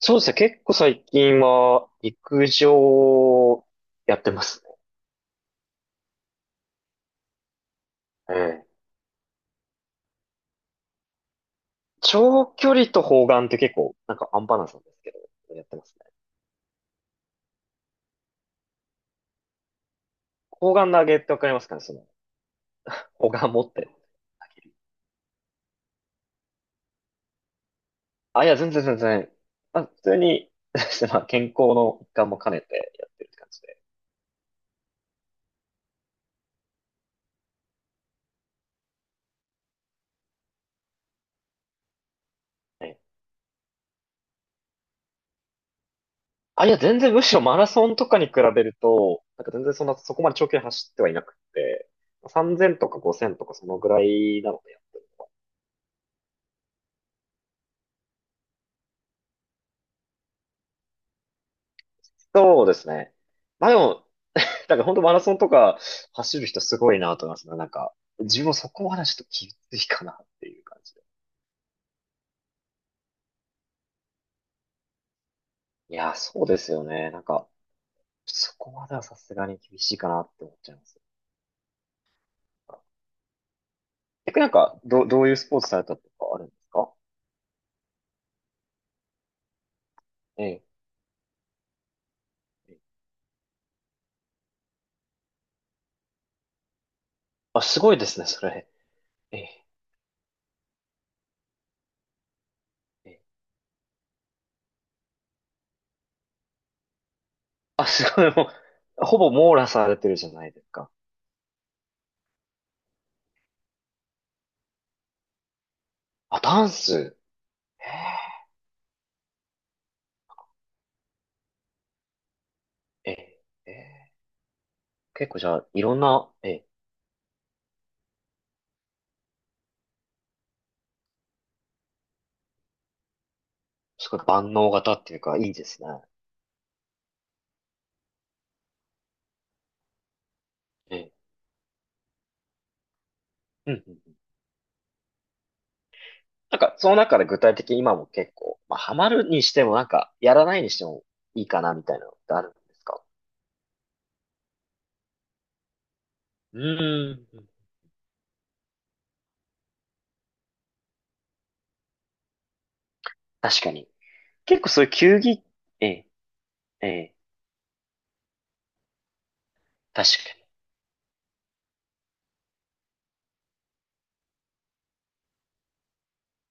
そうですね。結構最近は陸上やってますね。ええ。長距離と砲丸って結構なんかアンバランスなんですけど、やってますね。砲丸投げってわかりますかね砲丸持って投げる。あ、いや、全然全然。あ、普通に、まあ、健康の一環も兼ねてやってるって感じで。ええ。あ、いや、全然むしろマラソンとかに比べると、なんか全然そんな、そこまで長距離走ってはいなくて、3000とか5000とかそのぐらいなのでやってる。そうですね。まあでも、なんか本当マラソンとか走る人すごいなと思いますね。なんか、自分もそこまでちょっと厳しいかなっていう感じで。いやー、そうですよね。なんか、そこまではさすがに厳しいかなって思っちゃいます。逆になんか、どういうスポーツされたとかあるんですか？ええ。ええ。あ、すごいですね、それ。ええ。ええ。あ、すごい、もう、ほぼ網羅されてるじゃないですか。あ、ダンス。ええ。ええ。結構じゃあ、いろんな、ええ、すごい万能型っていうか、いいですね。ええ。うんうん。なんか、その中で具体的に今も結構、まあ、ハマるにしてもなんか、やらないにしてもいいかなみたいなのってあるんですか？うーん。確かに。結構そういう球技、ええ、ええ、確か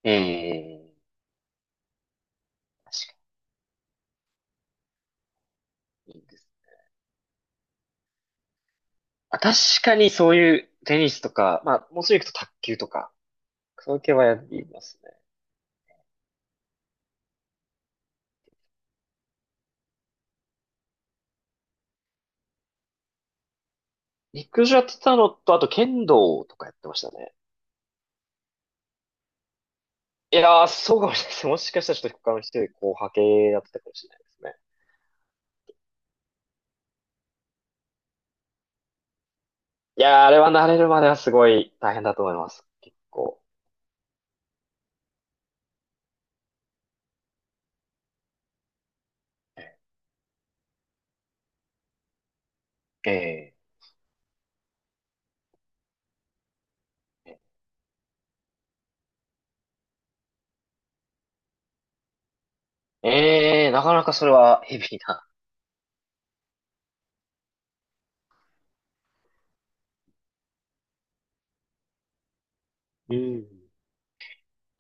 に。ええ、確かに。いいです。あ、確かにそういうテニスとか、まあ、もうすぐ行くと卓球とか、そういう系はやりますね。陸上やってたのと、あと剣道とかやってましたね。いやー、そうかもしれないです。もしかしたらちょっと他の人よりこう派系やってたかもしれないですね。いやー、あれは慣れるまではすごい大変だと思います。結構。ええ。ええ、なかなかそれはヘビーな。うん。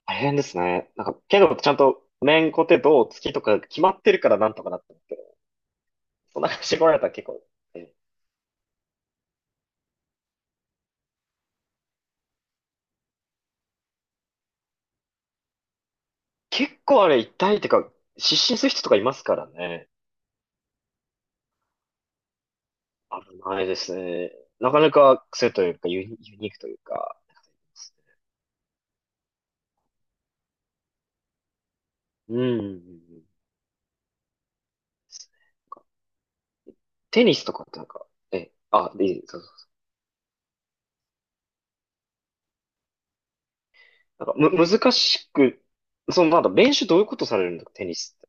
大変ですね。なんか、けど、ちゃんと、面コテ、銅、月とか決まってるからなんとかなってるけど、そんな感じで来られたらえ結構あれ痛いってか、失神する人とかいますからね。危ないですね。なかなか癖というか、ユニークというか。うん。うんうんうん。テニスとかってなんか、え、あ、いい、そそうなんかむ、難しく、その、なんだ、練習どういうことされるんだ、テニスって。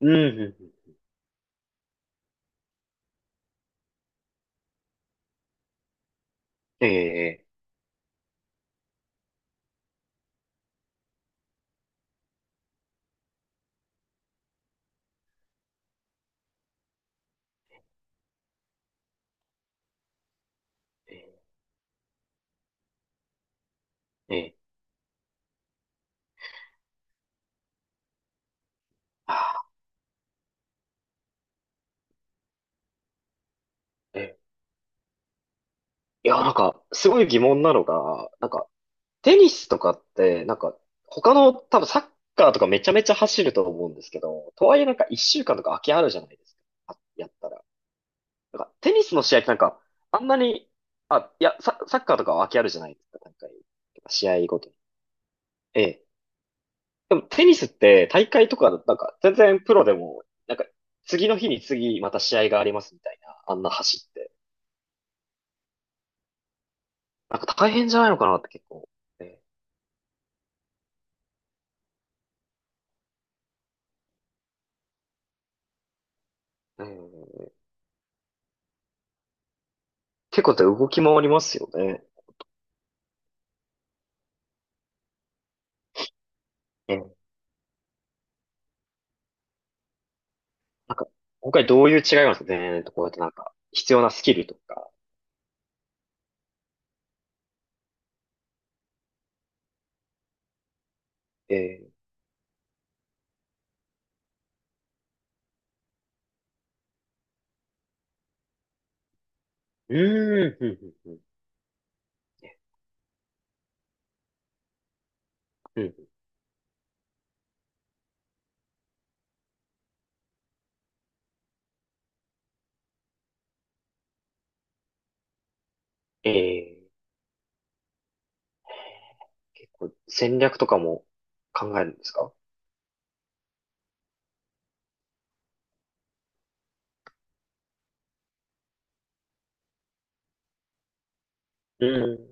うん、うん。ええ、ええ、ええ。はあ。ええ。いや、なんか、すごい疑問なのが、なんか、テニスとかって、なんか、他の、多分サッカーとかめちゃめちゃ走ると思うんですけど、とはいえなんか一週間とか空きあるじゃないですか。あやったら。なんか、テニスの試合ってなんか、あんなに、あ、いや、サッカーとかは空きあるじゃないですか、なんか、試合ごとに。ええ。でもテニスって大会とかだと、なんか全然プロでも、なんか次の日に次また試合がありますみたいな、あんな走って。なんか大変じゃないのかなって結構。ね。うん、結構動き回りますよね。うん。なんか、今回どういう違いがあるんですかねとこうやってなんか、必要なスキルとか。えうーん、うん、うん、うん。うん。えー、結構戦略とかも考えるんですか？うん。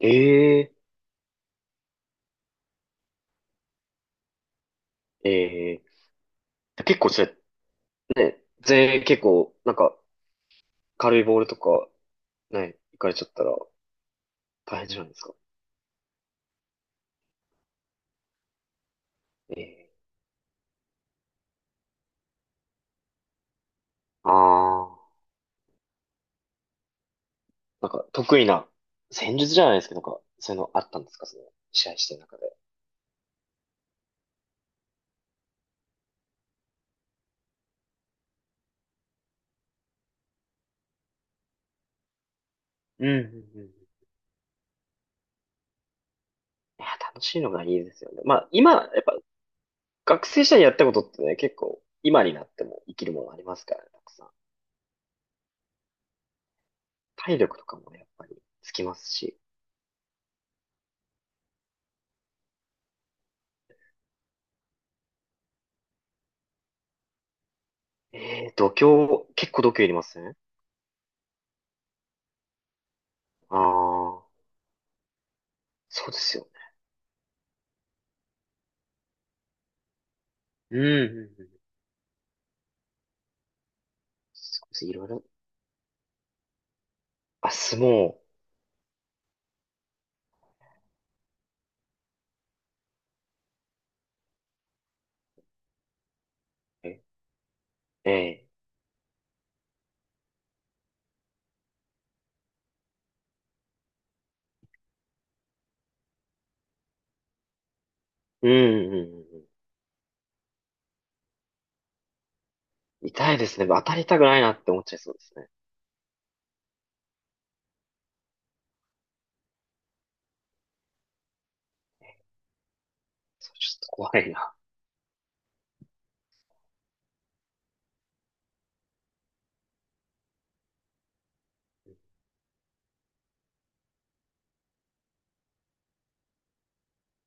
えー、え結構それね、全員結構、なんか、軽いボールとか、ね、行かれちゃったら大変じゃないですか。ええ。ああ。なんか、得意な戦術じゃないですけど、なんか、そういうのあったんですか？試合してる中で。うんうんうん。いや、楽しいのがいいですよね。まあ、今、やっぱ、学生時代にやったことってね、結構、今になっても生きるものありますからね、たくさん。体力とかもね、やっぱり、つきますし。ええ、度胸、結構度胸いりますね。ああ。そうですよね。うんうんうん。すごいいろいろ、あ、相撲。ええ。うんうんうんうん。痛いですね。当たりたくないなって思っちゃいそうですね。それちょっと怖いな。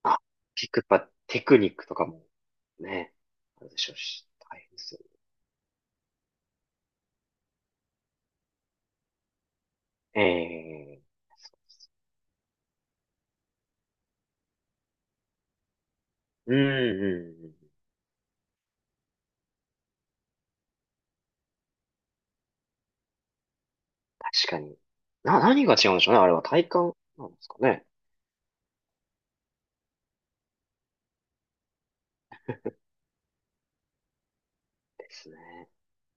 あ、結構やっぱテクニックとかもね、あるでしょうし、大変ですよね。ええ。うんうんうん。確かに。何が違うんでしょうね。あれは体感なんですかね。ですね。